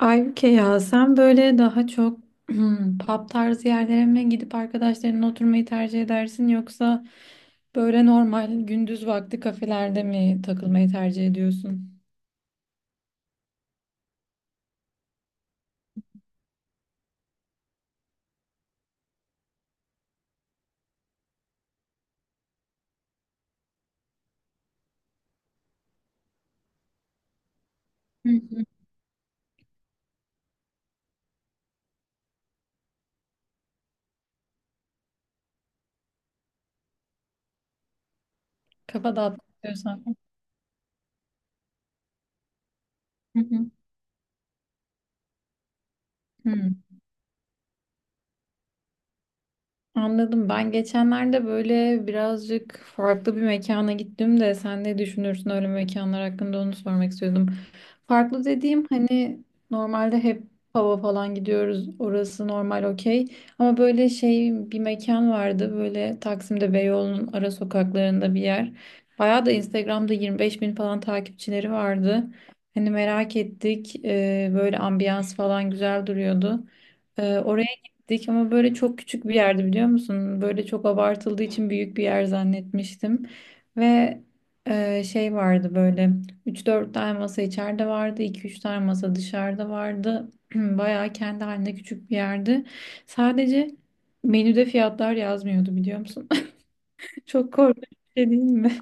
Aybüke ya sen böyle daha çok pub tarzı yerlere mi gidip arkadaşlarınla oturmayı tercih edersin yoksa böyle normal gündüz vakti kafelerde mi takılmayı tercih ediyorsun? Hı hı. Kafa dağıtmak istiyorsan. Hı hı. Hı. Anladım. Ben geçenlerde böyle birazcık farklı bir mekana gittim de sen ne düşünürsün öyle mekanlar hakkında onu sormak istiyordum. Farklı dediğim hani normalde hep pub'a falan gidiyoruz. Orası normal okey. Ama böyle şey bir mekan vardı böyle Taksim'de Beyoğlu'nun ara sokaklarında bir yer. Bayağı da Instagram'da 25 bin falan takipçileri vardı. Hani merak ettik. Böyle ambiyans falan güzel duruyordu. Oraya Dik ama böyle çok küçük bir yerdi, biliyor musun? Böyle çok abartıldığı için büyük bir yer zannetmiştim. Ve şey vardı böyle, üç dört tane masa içeride vardı, iki üç tane masa dışarıda vardı. Bayağı kendi halinde küçük bir yerdi. Sadece menüde fiyatlar yazmıyordu, biliyor musun? Çok korkunç bir şey değil mi?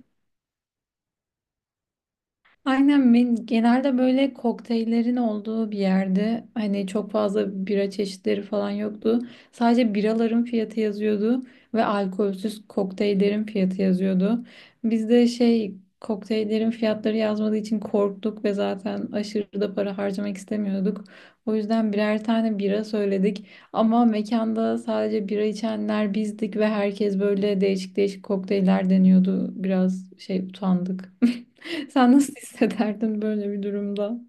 Aynen, ben genelde böyle kokteyllerin olduğu bir yerde hani çok fazla bira çeşitleri falan yoktu. Sadece biraların fiyatı yazıyordu ve alkolsüz kokteyllerin fiyatı yazıyordu. Biz de şey, kokteyllerin fiyatları yazmadığı için korktuk ve zaten aşırı da para harcamak istemiyorduk. O yüzden birer tane bira söyledik ama mekanda sadece bira içenler bizdik ve herkes böyle değişik değişik kokteyller deniyordu. Biraz şey utandık. Sen nasıl hissederdin böyle bir durumda?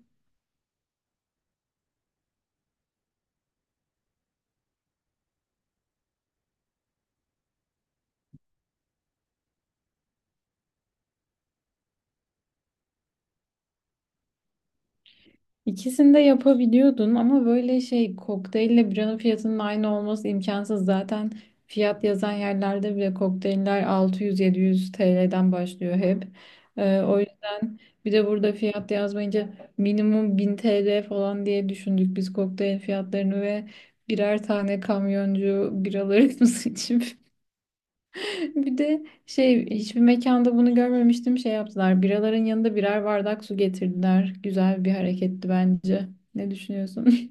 İkisini de yapabiliyordun ama böyle şey, kokteylle biranın fiyatının aynı olması imkansız. Zaten fiyat yazan yerlerde bile kokteyller 600-700 TL'den başlıyor hep. O yüzden, bir de burada fiyat yazmayınca minimum 1000 TL falan diye düşündük biz kokteyl fiyatlarını ve birer tane kamyoncu biralarımız için. Bir de şey, hiçbir mekanda bunu görmemiştim, şey yaptılar. Biraların yanında birer bardak su getirdiler. Güzel bir hareketti bence. Ne düşünüyorsun?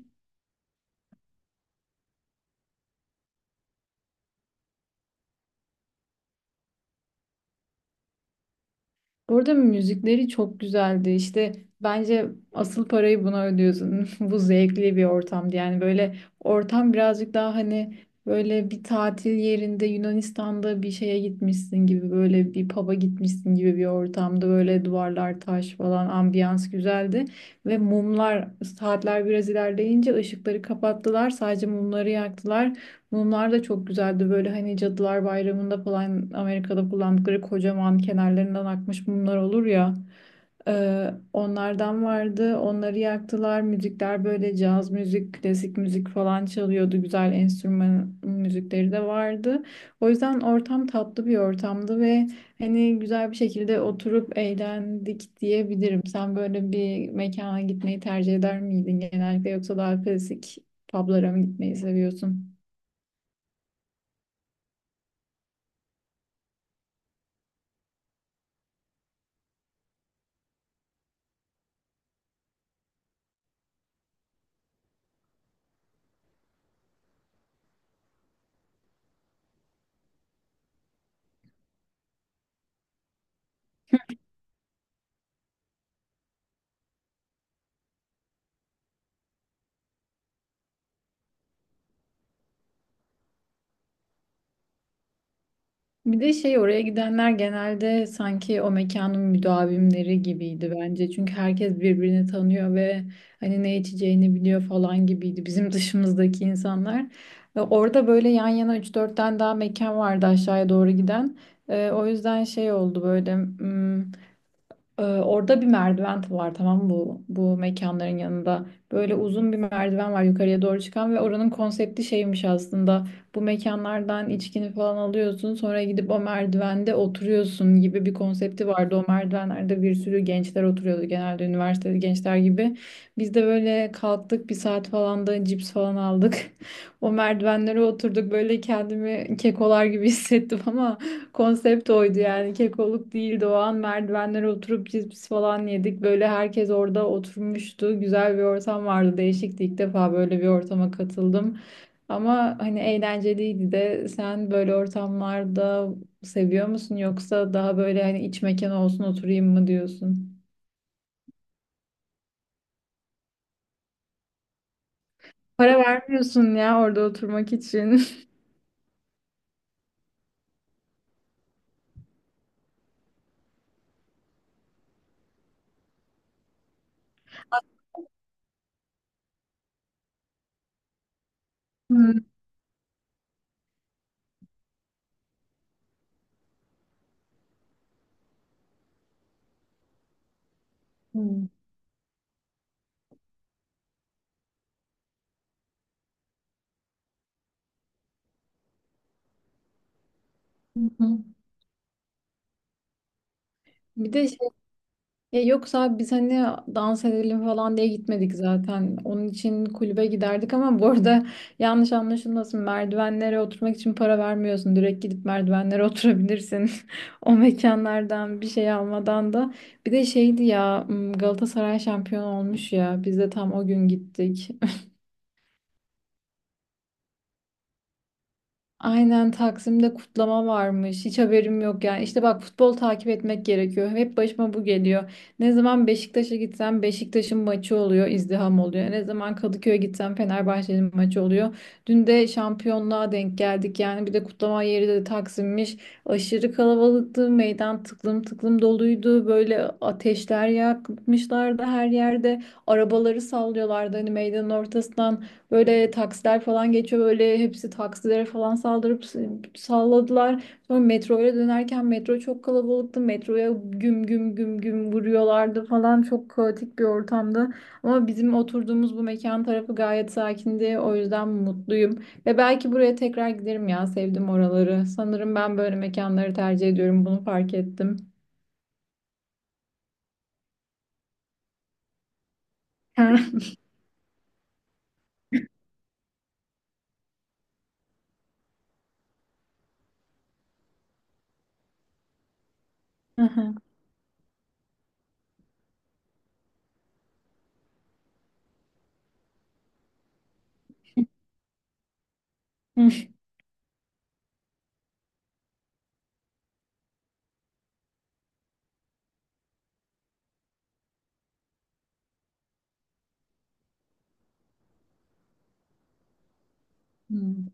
Burada müzikleri çok güzeldi. İşte, bence asıl parayı buna ödüyorsun. Bu zevkli bir ortamdı. Yani böyle ortam birazcık daha hani, böyle bir tatil yerinde Yunanistan'da bir şeye gitmişsin gibi, böyle bir pub'a gitmişsin gibi bir ortamda, böyle duvarlar taş falan, ambiyans güzeldi. Ve mumlar, saatler biraz ilerleyince ışıkları kapattılar, sadece mumları yaktılar. Mumlar da çok güzeldi. Böyle hani Cadılar Bayramı'nda falan Amerika'da kullandıkları kocaman, kenarlarından akmış mumlar olur ya. Onlardan vardı. Onları yaktılar. Müzikler böyle caz müzik, klasik müzik falan çalıyordu. Güzel enstrüman müzikleri de vardı. O yüzden ortam tatlı bir ortamdı ve hani güzel bir şekilde oturup eğlendik diyebilirim. Sen böyle bir mekana gitmeyi tercih eder miydin genellikle, yoksa daha klasik publara mı gitmeyi seviyorsun? Bir de şey, oraya gidenler genelde sanki o mekanın müdavimleri gibiydi bence. Çünkü herkes birbirini tanıyor ve hani ne içeceğini biliyor falan gibiydi bizim dışımızdaki insanlar. Ve orada böyle yan yana üç 4 tane daha mekan vardı aşağıya doğru giden. O yüzden şey oldu böyle. Orada bir merdiven var, tamam mı? Bu mekanların yanında. Böyle uzun bir merdiven var yukarıya doğru çıkan ve oranın konsepti şeymiş aslında. Bu mekanlardan içkini falan alıyorsun, sonra gidip o merdivende oturuyorsun gibi bir konsepti vardı. O merdivenlerde bir sürü gençler oturuyordu, genelde üniversiteli gençler gibi. Biz de böyle kalktık, bir saat falan da cips falan aldık. O merdivenlere oturduk, böyle kendimi kekolar gibi hissettim. Konsept oydu yani, kekoluk değildi o an. Merdivenlere oturup cips falan yedik, böyle herkes orada oturmuştu, güzel bir ortam vardı, değişikti, ilk defa böyle bir ortama katıldım ama hani eğlenceliydi de. Sen böyle ortamlarda seviyor musun, yoksa daha böyle hani iç mekan olsun oturayım mı diyorsun? Para vermiyorsun ya orada oturmak için. Hmm. Hı hı. Bir de, ya yoksa abi, biz hani dans edelim falan diye gitmedik zaten. Onun için kulübe giderdik ama bu arada yanlış anlaşılmasın, merdivenlere oturmak için para vermiyorsun. Direkt gidip merdivenlere oturabilirsin. O mekanlardan bir şey almadan da. Bir de şeydi ya, Galatasaray şampiyon olmuş ya. Biz de tam o gün gittik. Aynen, Taksim'de kutlama varmış. Hiç haberim yok yani. İşte bak, futbol takip etmek gerekiyor. Hep başıma bu geliyor. Ne zaman Beşiktaş'a gitsem Beşiktaş'ın maçı oluyor, izdiham oluyor. Ne zaman Kadıköy'e gitsem Fenerbahçe'nin maçı oluyor. Dün de şampiyonluğa denk geldik. Yani bir de kutlama yeri de Taksim'miş. Aşırı kalabalıktı. Meydan tıklım tıklım doluydu. Böyle ateşler yakmışlardı her yerde. Arabaları sallıyorlardı hani, meydanın ortasından. Böyle taksiler falan geçiyor, böyle hepsi taksilere falan saldırıp salladılar. Sonra metroya dönerken metro çok kalabalıktı. Metroya güm güm güm güm vuruyorlardı falan, çok kaotik bir ortamdı. Ama bizim oturduğumuz bu mekan tarafı gayet sakindi. O yüzden mutluyum. Ve belki buraya tekrar giderim, ya sevdim oraları. Sanırım ben böyle mekanları tercih ediyorum, bunu fark ettim. Hmm.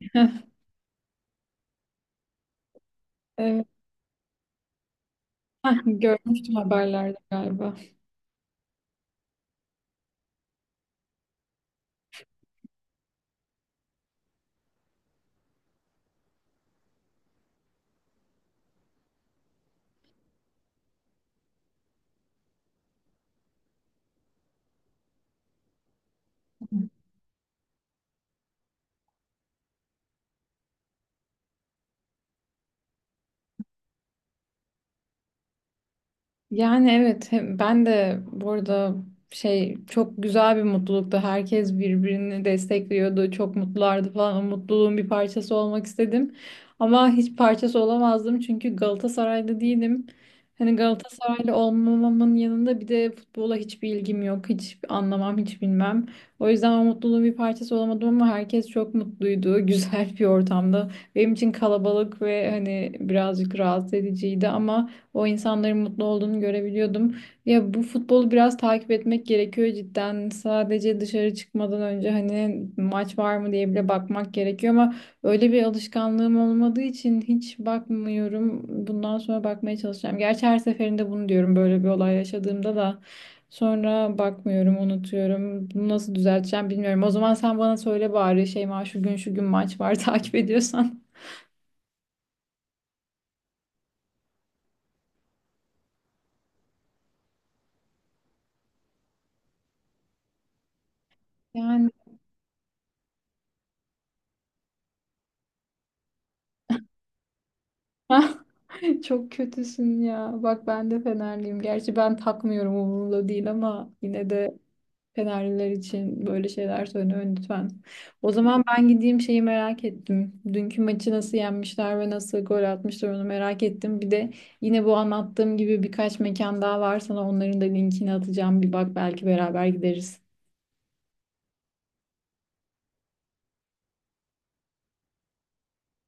Evet. Heh, görmüştüm haberlerde galiba. Yani evet, ben de burada şey, çok güzel bir mutluluktu. Herkes birbirini destekliyordu. Çok mutlulardı falan. O mutluluğun bir parçası olmak istedim. Ama hiç parçası olamazdım çünkü Galatasaraylı değilim. Hani Galatasaraylı olmamamın yanında bir de futbola hiçbir ilgim yok. Hiç anlamam, hiç bilmem. O yüzden o mutluluğun bir parçası olamadım ama herkes çok mutluydu. Güzel bir ortamda. Benim için kalabalık ve hani birazcık rahatsız ediciydi ama o insanların mutlu olduğunu görebiliyordum. Ya bu futbolu biraz takip etmek gerekiyor cidden. Sadece dışarı çıkmadan önce hani maç var mı diye bile bakmak gerekiyor ama öyle bir alışkanlığım olmadığı için hiç bakmıyorum. Bundan sonra bakmaya çalışacağım. Gerçi her seferinde bunu diyorum böyle bir olay yaşadığımda da. Sonra bakmıyorum, unutuyorum. Bunu nasıl düzelteceğim bilmiyorum. O zaman sen bana söyle bari Şeyma, şu gün şu gün maç var takip ediyorsan. Yani. Çok kötüsün ya. Bak, ben de Fenerliyim. Gerçi ben takmıyorum, umurumda değil ama yine de Fenerliler için böyle şeyler söyle lütfen. O zaman ben gideyim, şeyi merak ettim. Dünkü maçı nasıl yenmişler ve nasıl gol atmışlar, onu merak ettim. Bir de yine bu anlattığım gibi birkaç mekan daha var, sana onların da linkini atacağım. Bir bak, belki beraber gideriz.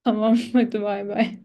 Tamam, hadi bay bay.